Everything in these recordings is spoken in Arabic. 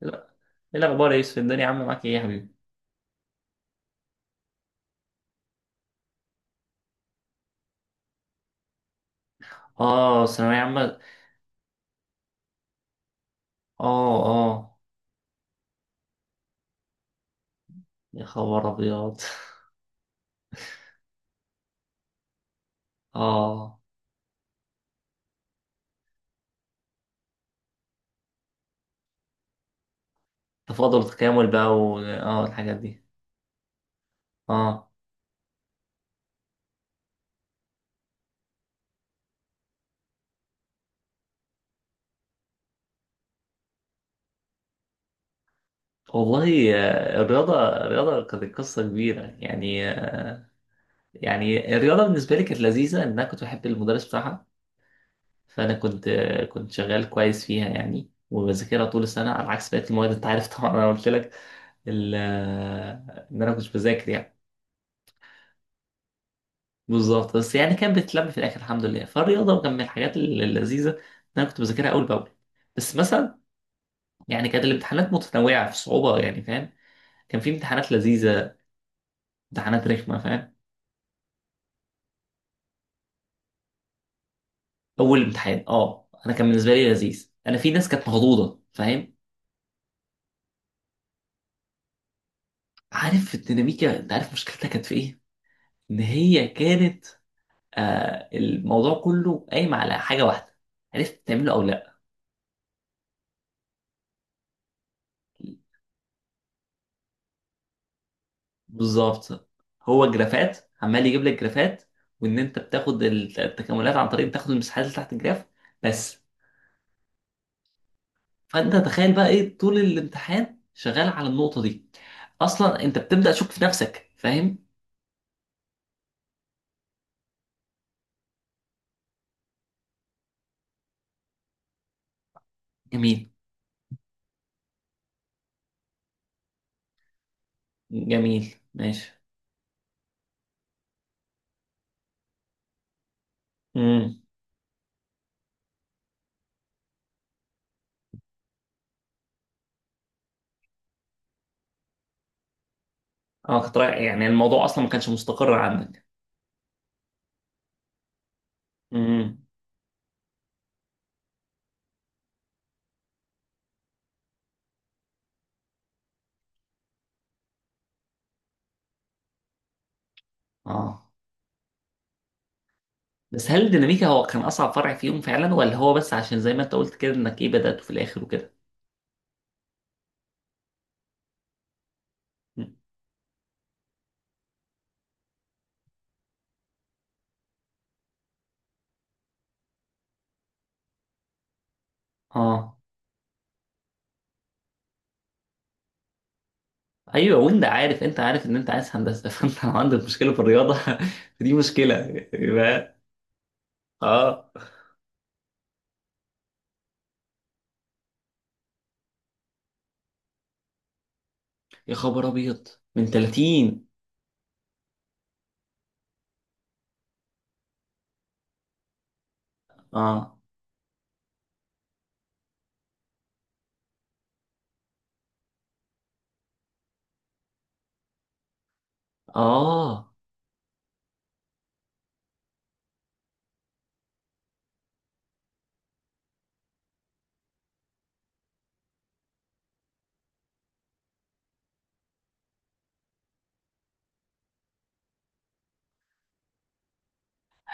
لا. ايه الاخبار يا يوسف؟ الدنيا عامله معاك ايه يا حبيبي؟ اه، ثانويه عامه. اه. اه. يا خبر ابيض. اه، تفاضل وتكامل بقى و... اه الحاجات دي. اه، والله الرياضه الرياضه كانت قصه كبيره يعني. يعني الرياضه بالنسبه لي كانت لذيذه، ان انا كنت بحب المدرس بتاعها. فانا كنت كنت شغال كويس فيها يعني، وبذاكرها طول السنه على عكس بقيه المواد. انت عارف طبعا، انا قلت لك ان انا كنت بذاكر يعني. بالظبط، بس يعني كانت بتتلم في الاخر الحمد لله. فالرياضه كان من الحاجات اللذيذه، ان انا كنت بذاكرها اول باول. بس مثلا يعني كانت الامتحانات متنوعه في الصعوبه، يعني فاهم. كان في امتحانات لذيذه، امتحانات رخمه، فاهم. اول امتحان اه، انا كان بالنسبه لي لذيذ. انا في ناس كانت مخضوضه، فاهم. عارف الديناميكا، انت عارف مشكلتها كانت في ايه؟ ان هي كانت، آه، الموضوع كله قايم على حاجه واحده: عرفت تعمله او لا. بالظبط. هو جرافات، عمال يجيب لك جرافات، وان انت التكاملات عن طريق بتاخد المساحات اللي تحت الجراف بس. فانت تخيل بقى ايه طول الامتحان شغال على النقطة دي. اصلا انت بتبدأ تشك في نفسك، فاهم. جميل. جميل ماشي. امم. اه، كنت رايح يعني، الموضوع اصلا ما كانش مستقر عندك. امم. اه. بس هل الديناميكا هو كان اصعب فرع فيهم فعلا، ولا هو بس عشان زي ما انت قلت كده انك ايه بدأته في الاخر وكده؟ مم. اه. ايوه. وانت عارف ان انت عايز هندسه، فانت لو عندك مشكله في الرياضه، فدي مشكله. يبقى اه، يا خبر ابيض. من 30. اه. اه.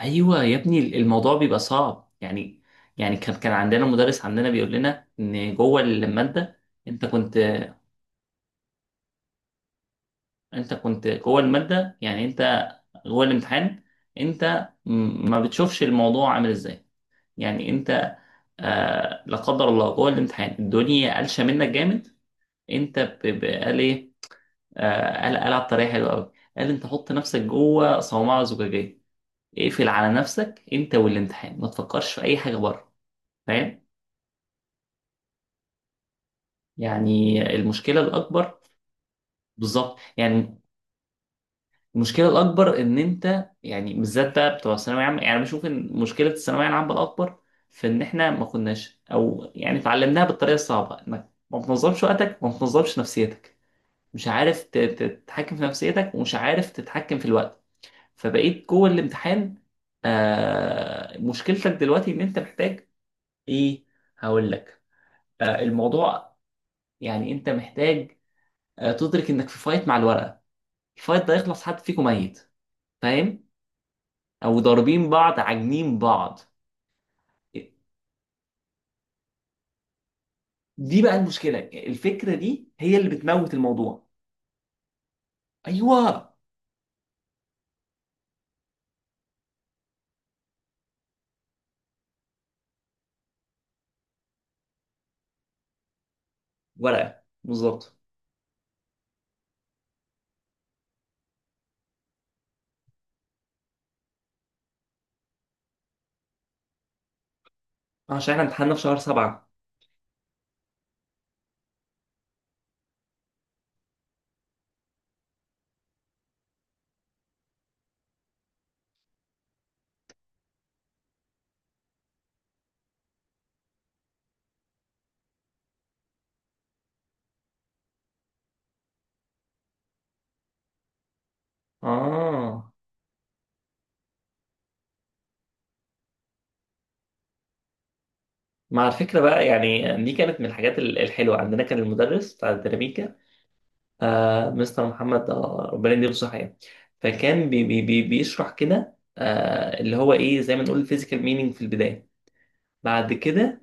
ايوه يا ابني، الموضوع بيبقى صعب يعني. يعني كان عندنا مدرس عندنا بيقول لنا ان جوه الماده، انت كنت، انت كنت جوه الماده يعني، انت جوه الامتحان، انت ما بتشوفش الموضوع عامل ازاي، يعني انت، آه، لا قدر الله، جوه الامتحان الدنيا قلشه منك جامد. انت قال ايه، قال، قال على الطريقه حلوه قوي. قال انت حط نفسك جوه صومعه زجاجيه، اقفل على نفسك انت والامتحان، ما تفكرش في اي حاجه بره، فاهم. يعني المشكله الاكبر، بالظبط يعني، المشكله الاكبر ان انت، يعني بالذات بقى بتوع الثانويه العامه، يعني بشوف ان مشكله الثانويه العامه الاكبر، في ان احنا ما كناش او يعني اتعلمناها بالطريقه الصعبه، انك ما بتنظمش وقتك وما بتنظمش نفسيتك، مش عارف تتحكم في نفسيتك، ومش عارف تتحكم في الوقت. فبقيت جوه الامتحان. آه، مشكلتك دلوقتي ان انت محتاج، ايه، هقول لك، الموضوع، يعني انت محتاج، آه، تدرك انك في فايت مع الورقه، الفايت ده يخلص حد فيكم ميت، فاهم. او ضاربين بعض عاجنين بعض. دي بقى المشكله، الفكره دي هي اللي بتموت الموضوع. ايوه. ورقه بالظبط. عشان احنا امتحاننا في شهر سبعة. اه، مع الفكرة بقى يعني، دي كانت من الحاجات الحلوة. عندنا كان المدرس بتاع الديناميكا، آه، مستر محمد، آه، ربنا يديله الصحة يعني. فكان بي بي بي بيشرح كده، آه، اللي هو ايه، زي ما نقول الفيزيكال مينينج في البداية. بعد كده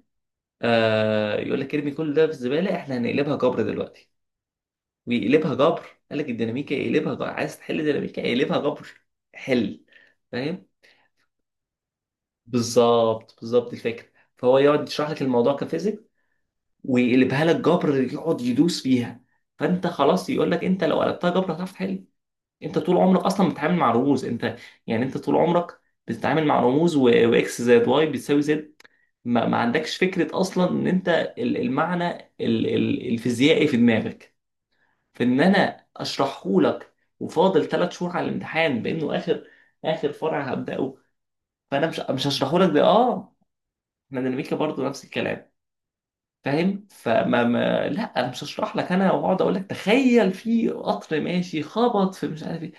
آه، يقول لك ارمي كل ده في الزبالة، احنا هنقلبها جبر دلوقتي. ويقلبها جبر. قال لك الديناميكا يقلبها جبر، عايز تحل ديناميكا يقلبها جبر، حل، فاهم. بالظبط، بالظبط الفكرة. فهو يقعد يشرح لك الموضوع كفيزيك، ويقلبها لك جبر، يقعد يدوس فيها. فانت خلاص، يقول لك انت لو قلبتها جبر هتعرف تحل. انت طول عمرك اصلا بتتعامل مع رموز انت. يعني انت طول عمرك بتتعامل مع رموز، واكس زائد واي بتساوي زد. ما عندكش فكره اصلا ان انت المعنى، الفيزيائي في دماغك. فان انا اشرحه لك وفاضل ثلاث شهور على الامتحان، بانه اخر، اخر فرع هبداه، فانا مش هشرحه لك ده اه. احنا ديناميكا برضو نفس الكلام، فاهم. فما ما لا انا مش هشرح لك، انا واقعد اقول لك تخيل في قطر ماشي خبط في مش عارف ايه.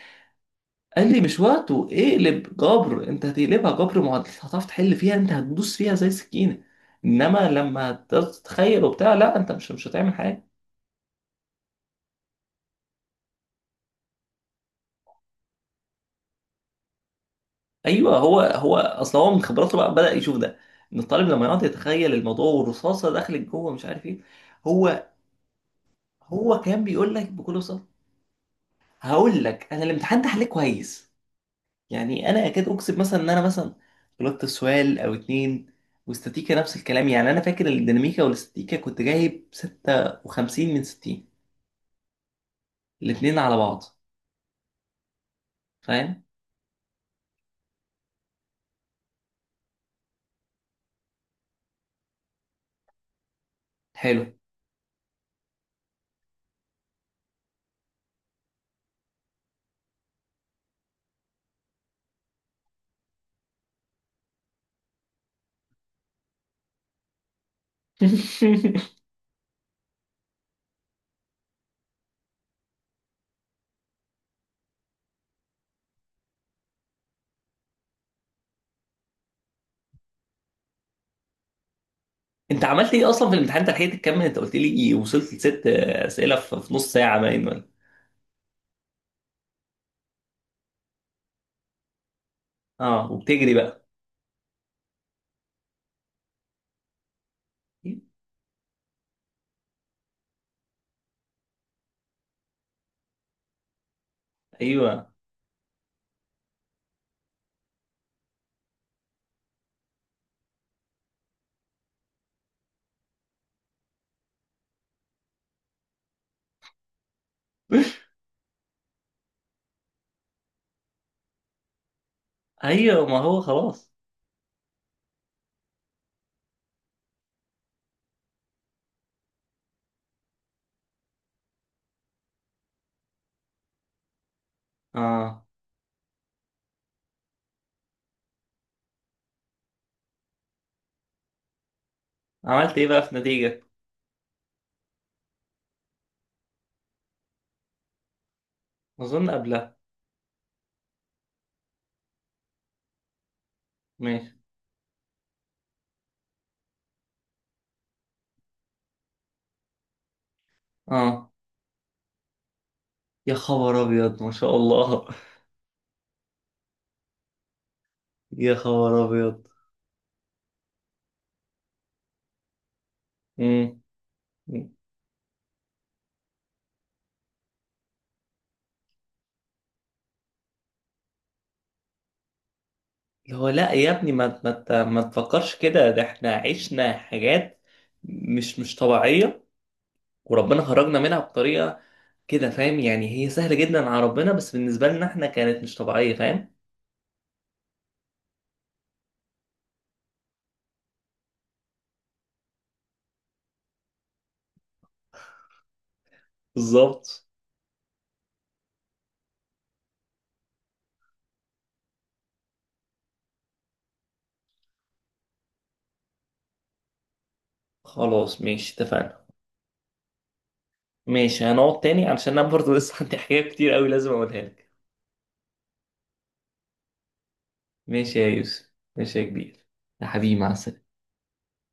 قال لي مش وقته، اقلب جبر، انت هتقلبها جبر معادلة، هتعرف تحل فيها، انت هتدوس فيها زي سكينة. انما لما تتخيل وبتاع، لا، انت مش هتعمل حاجة. ايوه. هو اصل هو من خبراته بقى بدأ يشوف ده، ان الطالب لما يقعد يتخيل الموضوع والرصاصة دخلت جوه مش عارف ايه. هو، هو كان بيقول لك بكل بساطة. هقول لك، انا الامتحان ده حليه كويس. يعني انا اكاد اكسب، مثلا ان انا مثلا غلطت سؤال او اتنين. واستاتيكا نفس الكلام. يعني انا فاكر الديناميكا والاستاتيكا كنت جايب 56 من 60، الاتنين على بعض، فاهم. حلو. انت عملت ايه اصلا في الامتحان؟ انت لحقت تكمل؟ انت قلت لي إيه؟ وصلت لست اسئله في في نص ساعه باين، ولا؟ اه، وبتجري بقى. ايوه. ايوه، ما هو خلاص. اه، عملت ايه بقى في نتيجة؟ اظن قبلها. ماشي. اه، يا خبر ابيض، ما شاء الله. يا خبر ابيض. امم. اللي هو، لا يا ابني، ما تفكرش كده، ده احنا عشنا حاجات مش طبيعية، وربنا خرجنا منها بطريقة كده، فاهم. يعني هي سهلة جدا على ربنا، بس بالنسبة لنا احنا كانت مش طبيعية، فاهم. بالظبط. خلاص ماشي، اتفقنا. ماشي، هنقعد تاني علشان انا برضه لسه عندي حاجات كتير قوي لازم اقولها لك. ماشي يا يوسف. ماشي يا كبير. يا حبيبي، مع السلامة.